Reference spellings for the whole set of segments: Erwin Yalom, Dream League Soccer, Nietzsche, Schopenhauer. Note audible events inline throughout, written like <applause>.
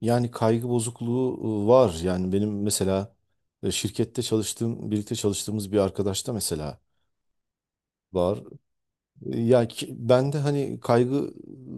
Yani kaygı bozukluğu var. Yani benim mesela şirkette çalıştığım, birlikte çalıştığımız bir arkadaşta mesela var. Ben de hani kaygı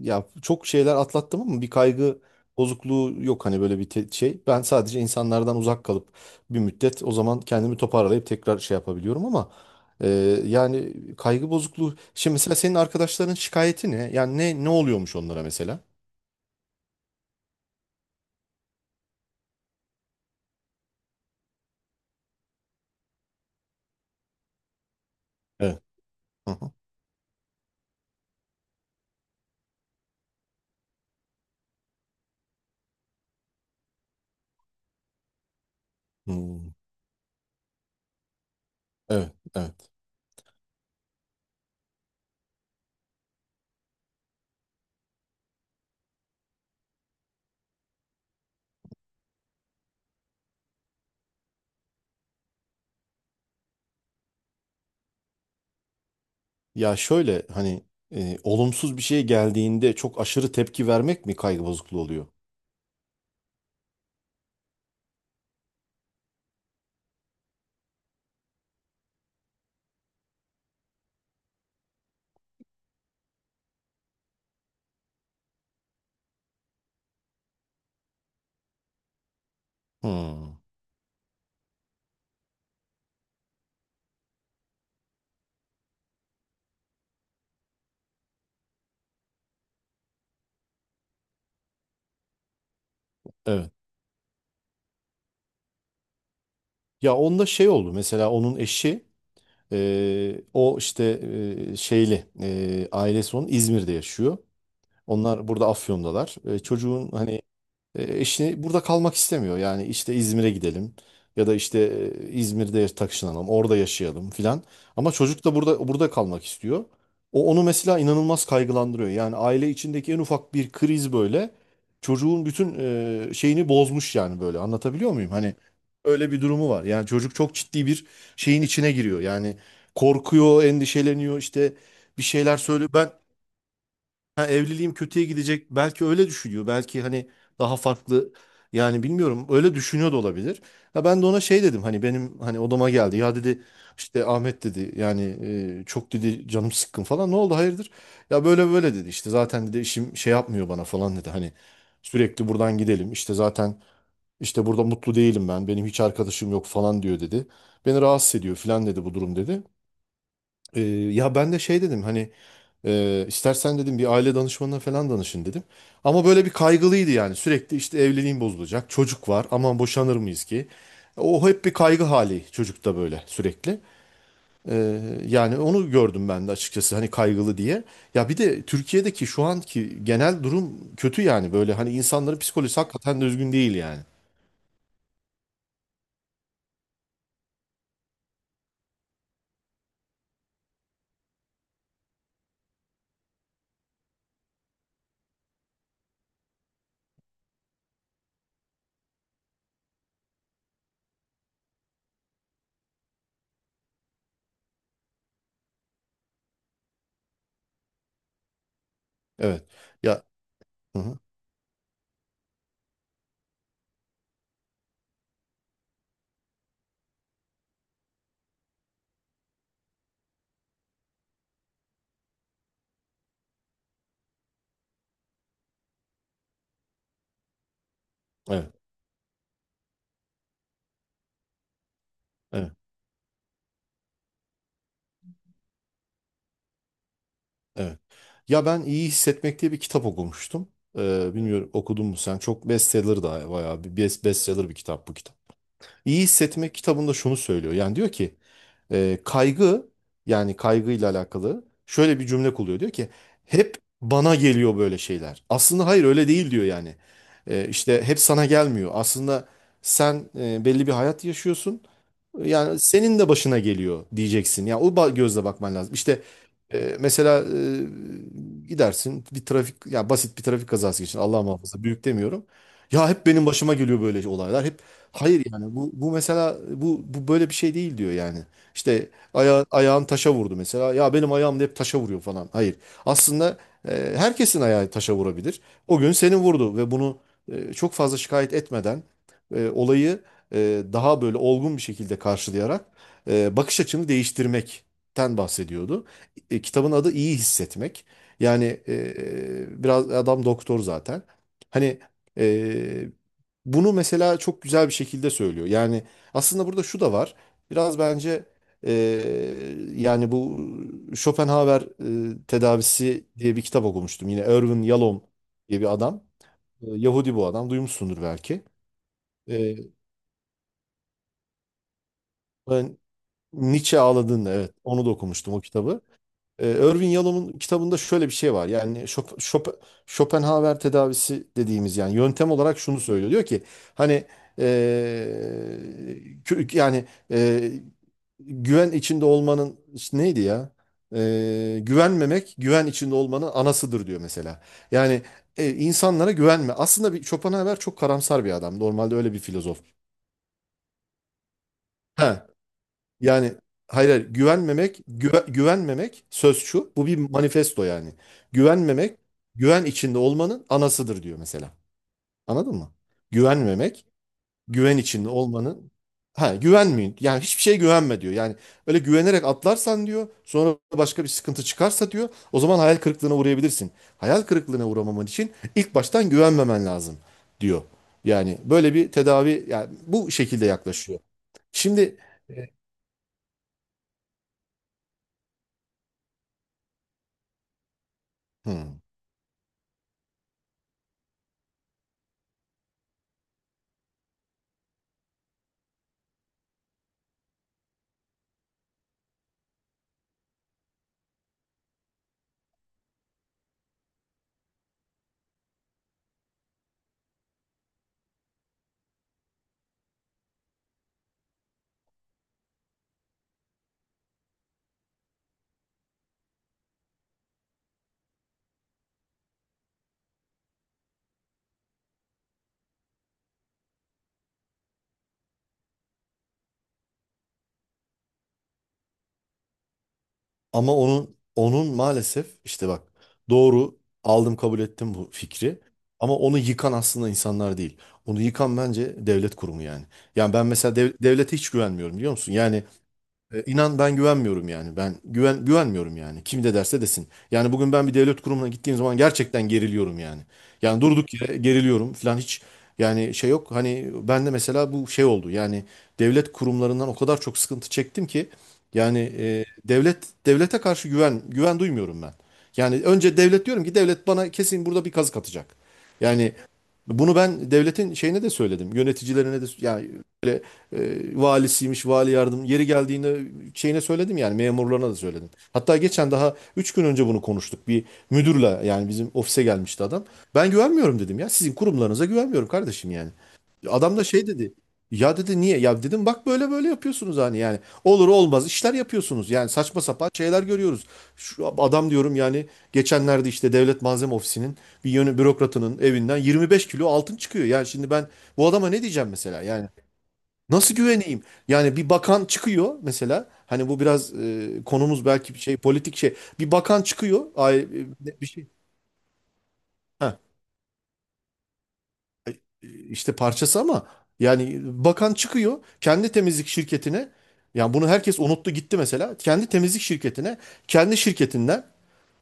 ya çok şeyler atlattım ama bir kaygı bozukluğu yok hani böyle bir şey. Ben sadece insanlardan uzak kalıp bir müddet o zaman kendimi toparlayıp tekrar şey yapabiliyorum ama e, yani kaygı bozukluğu. Şimdi mesela senin arkadaşların şikayeti ne? Yani ne oluyormuş onlara mesela? Evet. Hı hı. Hmm. Evet, evet. Ya şöyle hani olumsuz bir şey geldiğinde çok aşırı tepki vermek mi kaygı bozukluğu oluyor? Hmm, evet. Ya onda şey oldu mesela onun eşi o işte şeyli ailesi onun İzmir'de yaşıyor. Onlar burada Afyon'dalar. E, çocuğun hani eşi burada kalmak istemiyor. Yani işte İzmir'e gidelim ya da işte İzmir'de taşınalım, orada yaşayalım filan. Ama çocuk da burada kalmak istiyor. O onu mesela inanılmaz kaygılandırıyor. Yani aile içindeki en ufak bir kriz böyle çocuğun bütün şeyini bozmuş yani böyle. Anlatabiliyor muyum? Hani öyle bir durumu var. Yani çocuk çok ciddi bir şeyin içine giriyor. Yani korkuyor, endişeleniyor işte bir şeyler söylüyor. Ben Ha, evliliğim kötüye gidecek. Belki öyle düşünüyor. Belki hani daha farklı yani bilmiyorum öyle düşünüyor da olabilir. Ha, ben de ona şey dedim hani benim hani odama geldi. Ya dedi işte Ahmet dedi yani çok dedi canım sıkkın falan. Ne oldu hayırdır? Ya böyle böyle dedi işte zaten dedi işim şey yapmıyor bana falan dedi. Hani sürekli buradan gidelim işte zaten işte burada mutlu değilim ben. Benim hiç arkadaşım yok falan diyor dedi. Beni rahatsız ediyor falan dedi bu durum dedi. E, Ya ben de şey dedim hani istersen dedim bir aile danışmanına falan danışın dedim. Ama böyle bir kaygılıydı yani. Sürekli işte evliliğim bozulacak. Çocuk var. Aman boşanır mıyız ki? O hep bir kaygı hali çocukta böyle sürekli. Ee, yani onu gördüm ben de açıkçası hani kaygılı diye. Ya bir de Türkiye'deki şu anki genel durum kötü yani. Böyle hani insanların psikolojisi hakikaten düzgün değil yani. Evet. Ya. Hı hı. Evet. Evet. Evet. Ya ben iyi hissetmek diye bir kitap okumuştum. Bilmiyorum okudun mu sen? Çok bestseller da bayağı bestseller bir kitap bu kitap. İyi hissetmek kitabında şunu söylüyor. Yani diyor ki e, kaygı yani kaygıyla alakalı şöyle bir cümle kuruyor. Diyor ki hep bana geliyor böyle şeyler. Aslında hayır öyle değil diyor yani. E, işte hep sana gelmiyor. Aslında sen belli bir hayat yaşıyorsun. Yani senin de başına geliyor diyeceksin. Gözle bakman lazım. İşte mesela gidersin bir trafik ya basit bir trafik kazası geçirdin. Allah muhafaza büyük demiyorum. Ya hep benim başıma geliyor böyle olaylar. Hep hayır yani bu mesela bu böyle bir şey değil diyor yani. İşte ayağın taşa vurdu mesela. Ya benim ayağım da hep taşa vuruyor falan. Hayır. Aslında herkesin ayağı taşa vurabilir. O gün senin vurdu ve bunu çok fazla şikayet etmeden olayı daha böyle olgun bir şekilde karşılayarak bakış açını değiştirmekten bahsediyordu. E, kitabın adı İyi Hissetmek. Yani biraz adam doktor zaten. Hani e, bunu mesela çok güzel bir şekilde söylüyor. Yani aslında burada şu da var. Biraz bence e, yani bu Schopenhauer tedavisi diye bir kitap okumuştum. Yine Erwin Yalom diye bir adam. E, Yahudi bu adam. Duymuşsundur belki. E, ben- Nietzsche ağladığında evet onu da okumuştum o kitabı. Irving Yalom'un kitabında şöyle bir şey var. Yani Schopenhauer tedavisi dediğimiz yani yöntem olarak şunu söylüyor. Diyor ki hani ee, yani ee, güven içinde olmanın işte neydi ya? Güvenmemek güven içinde olmanın anasıdır diyor mesela. Yani insanlara güvenme. Aslında bir Schopenhauer çok karamsar bir adam. Normalde öyle bir filozof. He. Yani hayır, hayır güvenmemek, güvenmemek söz şu. Bu bir manifesto yani. Güvenmemek güven içinde olmanın anasıdır diyor mesela. Anladın mı? Güvenmemek güven içinde olmanın ha güvenmeyin. Yani hiçbir şeye güvenme diyor. Yani öyle güvenerek atlarsan diyor, sonra başka bir sıkıntı çıkarsa diyor, o zaman hayal kırıklığına uğrayabilirsin. Hayal kırıklığına uğramaman için ilk baştan güvenmemen lazım diyor. Yani böyle bir tedavi yani bu şekilde yaklaşıyor. Şimdi hı. Ama onun maalesef işte bak doğru aldım kabul ettim bu fikri. Ama onu yıkan aslında insanlar değil. Onu yıkan bence devlet kurumu yani. Yani ben mesela devlete hiç güvenmiyorum biliyor musun? Yani inan ben güvenmiyorum yani. Ben güvenmiyorum yani. Kim de derse desin. Yani bugün ben bir devlet kurumuna gittiğim zaman gerçekten geriliyorum yani. Yani durduk yere geriliyorum falan hiç yani şey yok. Hani ben de mesela bu şey oldu. Yani devlet kurumlarından o kadar çok sıkıntı çektim ki yani devlete karşı güven duymuyorum ben. Yani önce devlet diyorum ki devlet bana kesin burada bir kazık atacak. Yani bunu ben devletin şeyine de söyledim. Yöneticilerine de yani e, valisiymiş, vali yardım. Yeri geldiğinde şeyine söyledim yani memurlarına da söyledim. Hatta geçen daha 3 gün önce bunu konuştuk. Bir müdürle yani bizim ofise gelmişti adam. Ben güvenmiyorum dedim ya. Sizin kurumlarınıza güvenmiyorum kardeşim yani. Adam da şey dedi. Ya dedi niye? Ya dedim bak böyle böyle yapıyorsunuz hani yani. Olur olmaz işler yapıyorsunuz. Yani saçma sapan şeyler görüyoruz. Şu adam diyorum yani geçenlerde işte Devlet Malzeme Ofisi'nin bir yönü bürokratının evinden 25 kilo altın çıkıyor. Yani şimdi ben bu adama ne diyeceğim mesela? Yani nasıl güveneyim? Yani bir bakan çıkıyor mesela. Hani bu biraz konumuz belki bir şey politik şey. Bir bakan çıkıyor. Ay, bir şey. Ha, işte parçası ama yani bakan çıkıyor kendi temizlik şirketine. Yani bunu herkes unuttu gitti mesela. Kendi temizlik şirketine, kendi şirketinden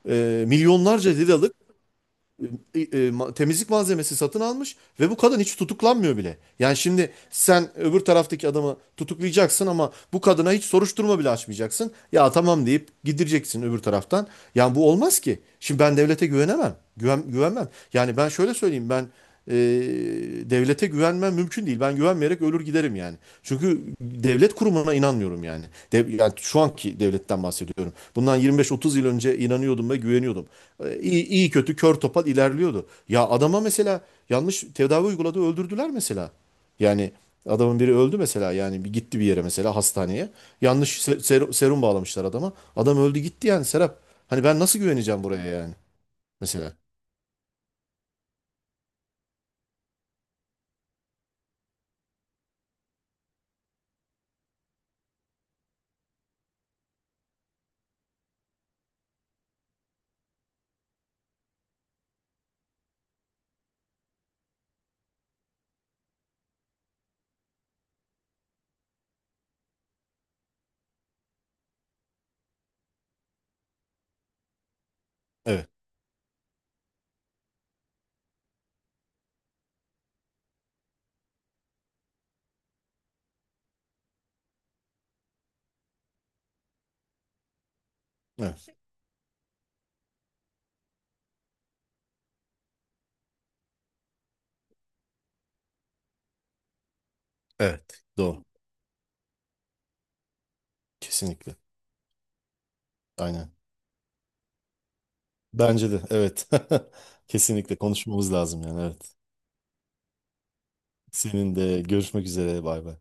milyonlarca liralık e, temizlik malzemesi satın almış ve bu kadın hiç tutuklanmıyor bile. Yani şimdi sen öbür taraftaki adamı tutuklayacaksın ama bu kadına hiç soruşturma bile açmayacaksın. Ya tamam deyip gidireceksin öbür taraftan. Yani bu olmaz ki. Şimdi ben devlete güvenemem. Güvenmem. Yani ben şöyle söyleyeyim ben e, devlete güvenmem mümkün değil. Ben güvenmeyerek ölür giderim yani. Çünkü devlet kurumuna inanmıyorum yani. Yani şu anki devletten bahsediyorum. Bundan 25-30 yıl önce inanıyordum ve güveniyordum. İyi kötü kör topal ilerliyordu. Ya adama mesela yanlış tedavi uyguladı öldürdüler mesela. Yani adamın biri öldü mesela yani bir gitti bir yere mesela hastaneye. Yanlış serum bağlamışlar adama. Adam öldü gitti yani Serap. Hani ben nasıl güveneceğim buraya yani mesela. Evet. Evet. Evet. Doğru. Kesinlikle. Aynen. Bence de evet. <laughs> Kesinlikle konuşmamız lazım yani evet. Senin de görüşmek üzere bay bay.